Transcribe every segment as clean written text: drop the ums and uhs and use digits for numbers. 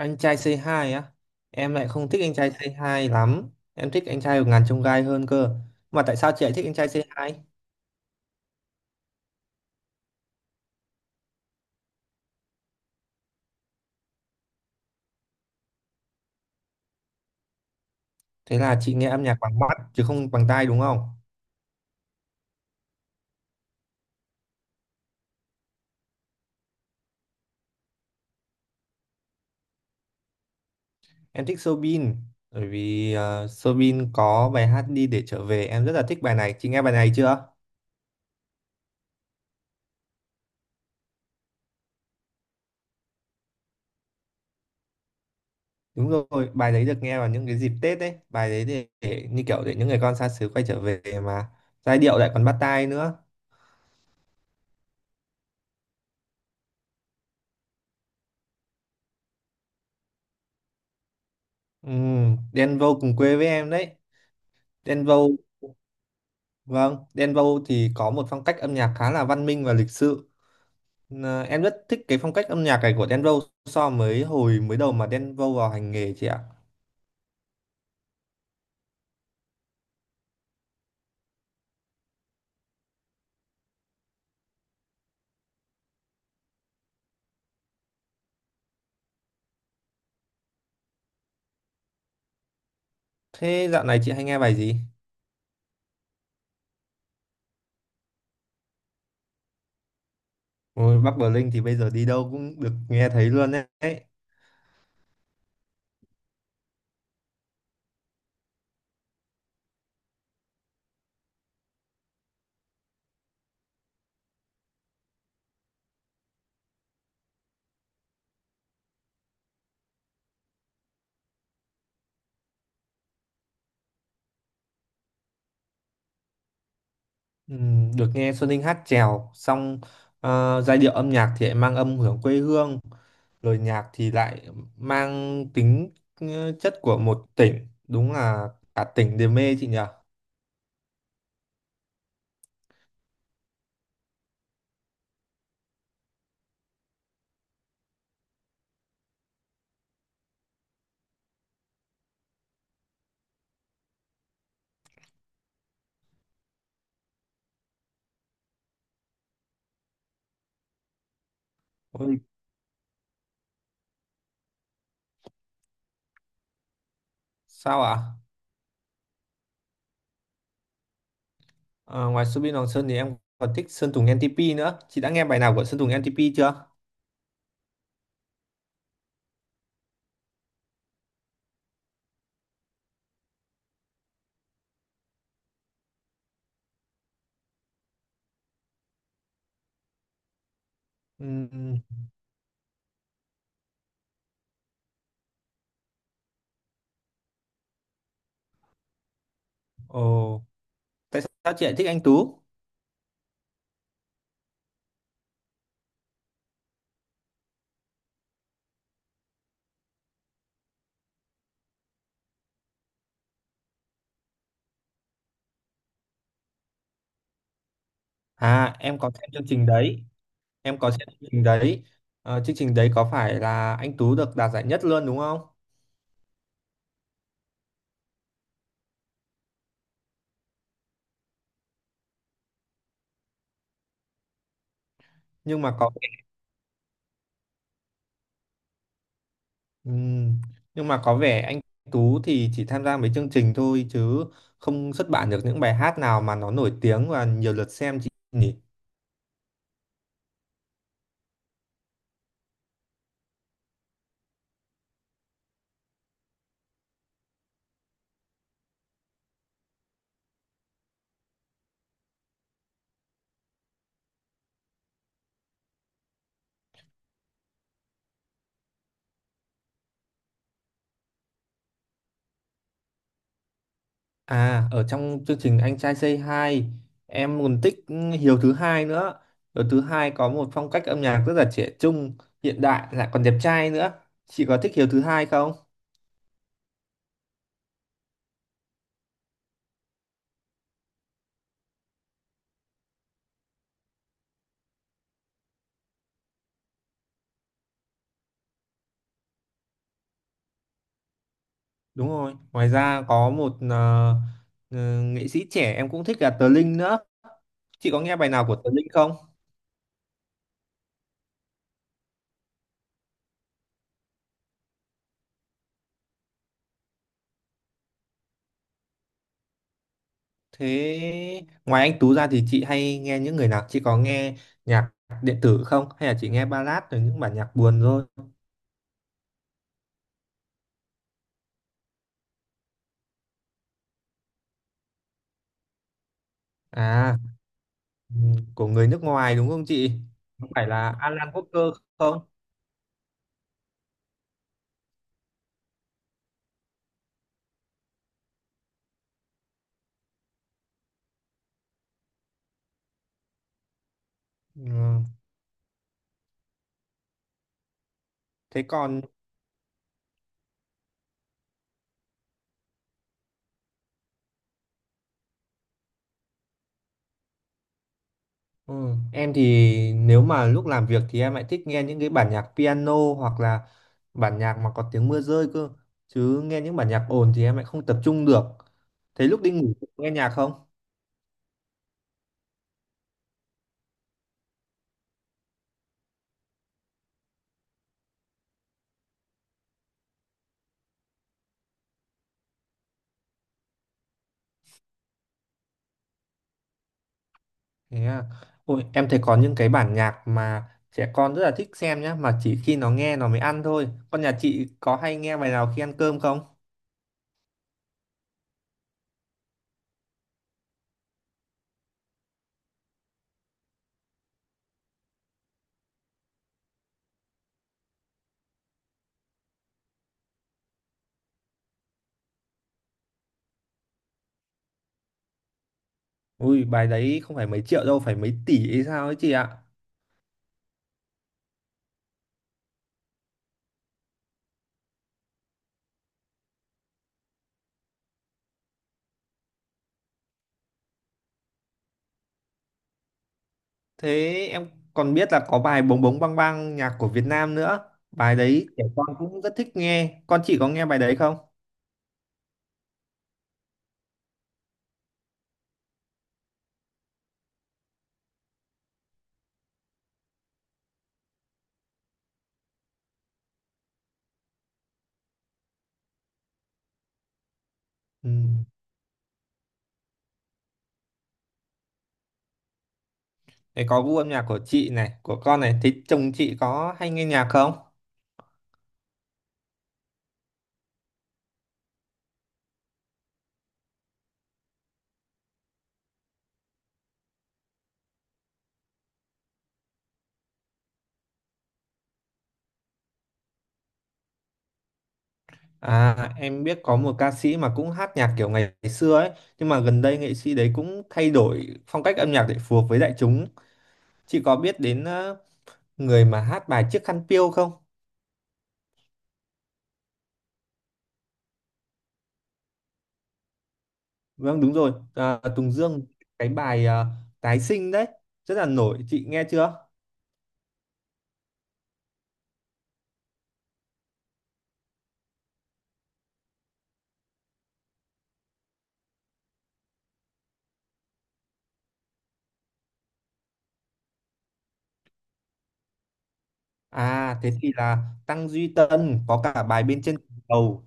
Anh trai Say hai á. Em lại không thích anh trai Say hai lắm. Em thích anh trai của ngàn chông gai hơn cơ. Mà tại sao chị lại thích anh trai Say hai? Thế là chị nghe âm nhạc bằng mắt chứ không bằng tai đúng không? Em thích Soobin. Bởi vì Soobin có bài hát Đi Để Trở Về. Em rất là thích bài này. Chị nghe bài này chưa? Đúng rồi, bài đấy được nghe vào những cái dịp Tết đấy. Bài đấy để như kiểu để những người con xa xứ quay trở về mà. Giai điệu lại còn bắt tai nữa. Ừ, Đen Vâu cùng quê với em đấy. Đen Vâu. Vâng, Đen Vâu thì có một phong cách âm nhạc khá là văn minh và lịch sự. Ờ, em rất thích cái phong cách âm nhạc này của Đen Vâu so với hồi mới đầu mà Đen Vâu vào hành nghề chị ạ. Thế dạo này chị hay nghe bài gì? Ôi, Bắc Bờ Linh thì bây giờ đi đâu cũng được nghe thấy luôn đấy. Được nghe Xuân Ninh hát chèo, xong giai điệu âm nhạc thì lại mang âm hưởng quê hương, lời nhạc thì lại mang tính chất của một tỉnh. Đúng là cả tỉnh đều mê chị nhỉ? Ôi, sao ạ? Ờ, ngoài Subin Hoàng Sơn thì em còn thích Sơn Tùng NTP nữa. Chị đã nghe bài nào của Sơn Tùng NTP chưa? Ừm, Ồ, tại sao chị lại thích anh Tú? À, em có xem chương trình đấy. Em có xem chương trình đấy. Ờ, chương trình đấy có phải là anh Tú được đạt giải nhất luôn đúng không? Nhưng mà có ừm, nhưng mà có vẻ anh Tú thì chỉ tham gia mấy chương trình thôi chứ không xuất bản được những bài hát nào mà nó nổi tiếng và nhiều lượt xem chị nhỉ? À, ở trong chương trình Anh trai Say Hi, em còn thích Hiếu thứ hai nữa. Hiếu thứ hai có một phong cách âm nhạc rất là trẻ trung, hiện đại lại còn đẹp trai nữa. Chị có thích Hiếu thứ hai không? Đúng rồi. Ngoài ra có một nghệ sĩ trẻ em cũng thích là Tờ Linh nữa. Chị có nghe bài nào của Tờ Linh không? Thế ngoài anh Tú ra thì chị hay nghe những người nào? Chị có nghe nhạc điện tử không? Hay là chị nghe ballad rồi những bản nhạc buồn thôi? À, ừ, của người nước ngoài đúng không chị? Có phải là Alan Walker không? Ừ. Thế còn ừ, em thì nếu mà lúc làm việc thì em lại thích nghe những cái bản nhạc piano hoặc là bản nhạc mà có tiếng mưa rơi cơ. Chứ nghe những bản nhạc ồn thì em lại không tập trung được. Thế lúc đi ngủ nghe nhạc không? Thế à. Ôi, em thấy có những cái bản nhạc mà trẻ con rất là thích xem nhá, mà chỉ khi nó nghe nó mới ăn thôi. Con nhà chị có hay nghe bài nào khi ăn cơm không? Ui, bài đấy không phải mấy triệu đâu, phải mấy tỷ hay sao ấy chị ạ. Thế em còn biết là có bài Bống Bống Bang Bang nhạc của Việt Nam nữa. Bài đấy trẻ con cũng rất thích nghe. Con chị có nghe bài đấy không? Ừ. Thế có gu âm nhạc của chị này, của con này. Thế chồng chị có hay nghe nhạc không? À, em biết có một ca sĩ mà cũng hát nhạc kiểu ngày xưa ấy. Nhưng mà gần đây nghệ sĩ đấy cũng thay đổi phong cách âm nhạc để phù hợp với đại chúng. Chị có biết đến người mà hát bài Chiếc khăn piêu không? Vâng đúng rồi, à, Tùng Dương. Cái bài tái sinh đấy rất là nổi, chị nghe chưa? À thế thì là Tăng Duy Tân có cả bài bên trên đầu.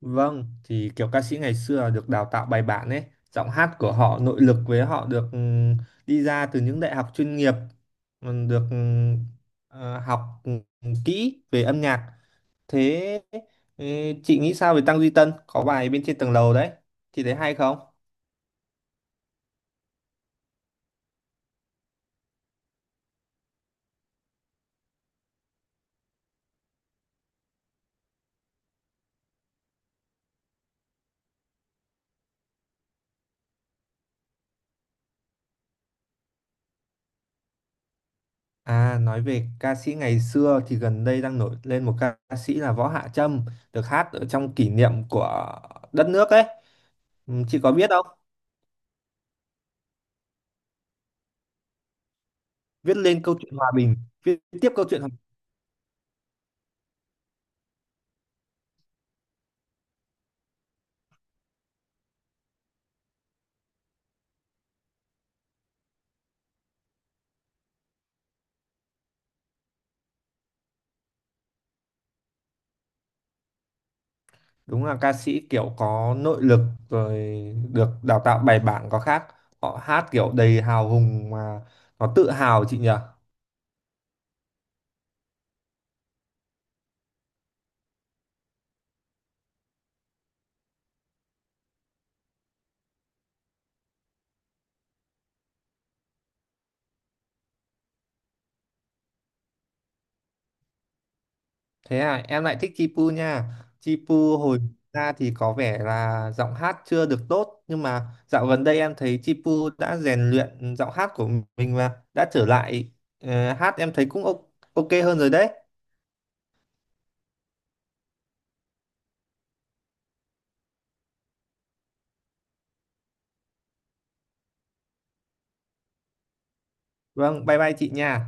Vâng, thì kiểu ca sĩ ngày xưa là được đào tạo bài bản ấy, giọng hát của họ nội lực với họ được đi ra từ những đại học chuyên nghiệp, được học kỹ về âm nhạc. Thế ừ, chị nghĩ sao về Tăng Duy Tân có bài bên trên tầng lầu đấy, chị thấy hay không? À, nói về ca sĩ ngày xưa thì gần đây đang nổi lên một ca sĩ là Võ Hạ Trâm, được hát ở trong kỷ niệm của đất nước ấy. Ừ, chị có biết không? Viết lên câu chuyện hòa bình, viết tiếp câu chuyện hòa bình. Đúng là ca sĩ kiểu có nội lực rồi được đào tạo bài bản có khác. Họ hát kiểu đầy hào hùng mà nó tự hào chị nhỉ? Thế à, em lại thích Chipu nha. Chipu hồi ra thì có vẻ là giọng hát chưa được tốt nhưng mà dạo gần đây em thấy Chipu đã rèn luyện giọng hát của mình và đã trở lại hát em thấy cũng ok ok hơn rồi đấy. Vâng, bye bye chị nha.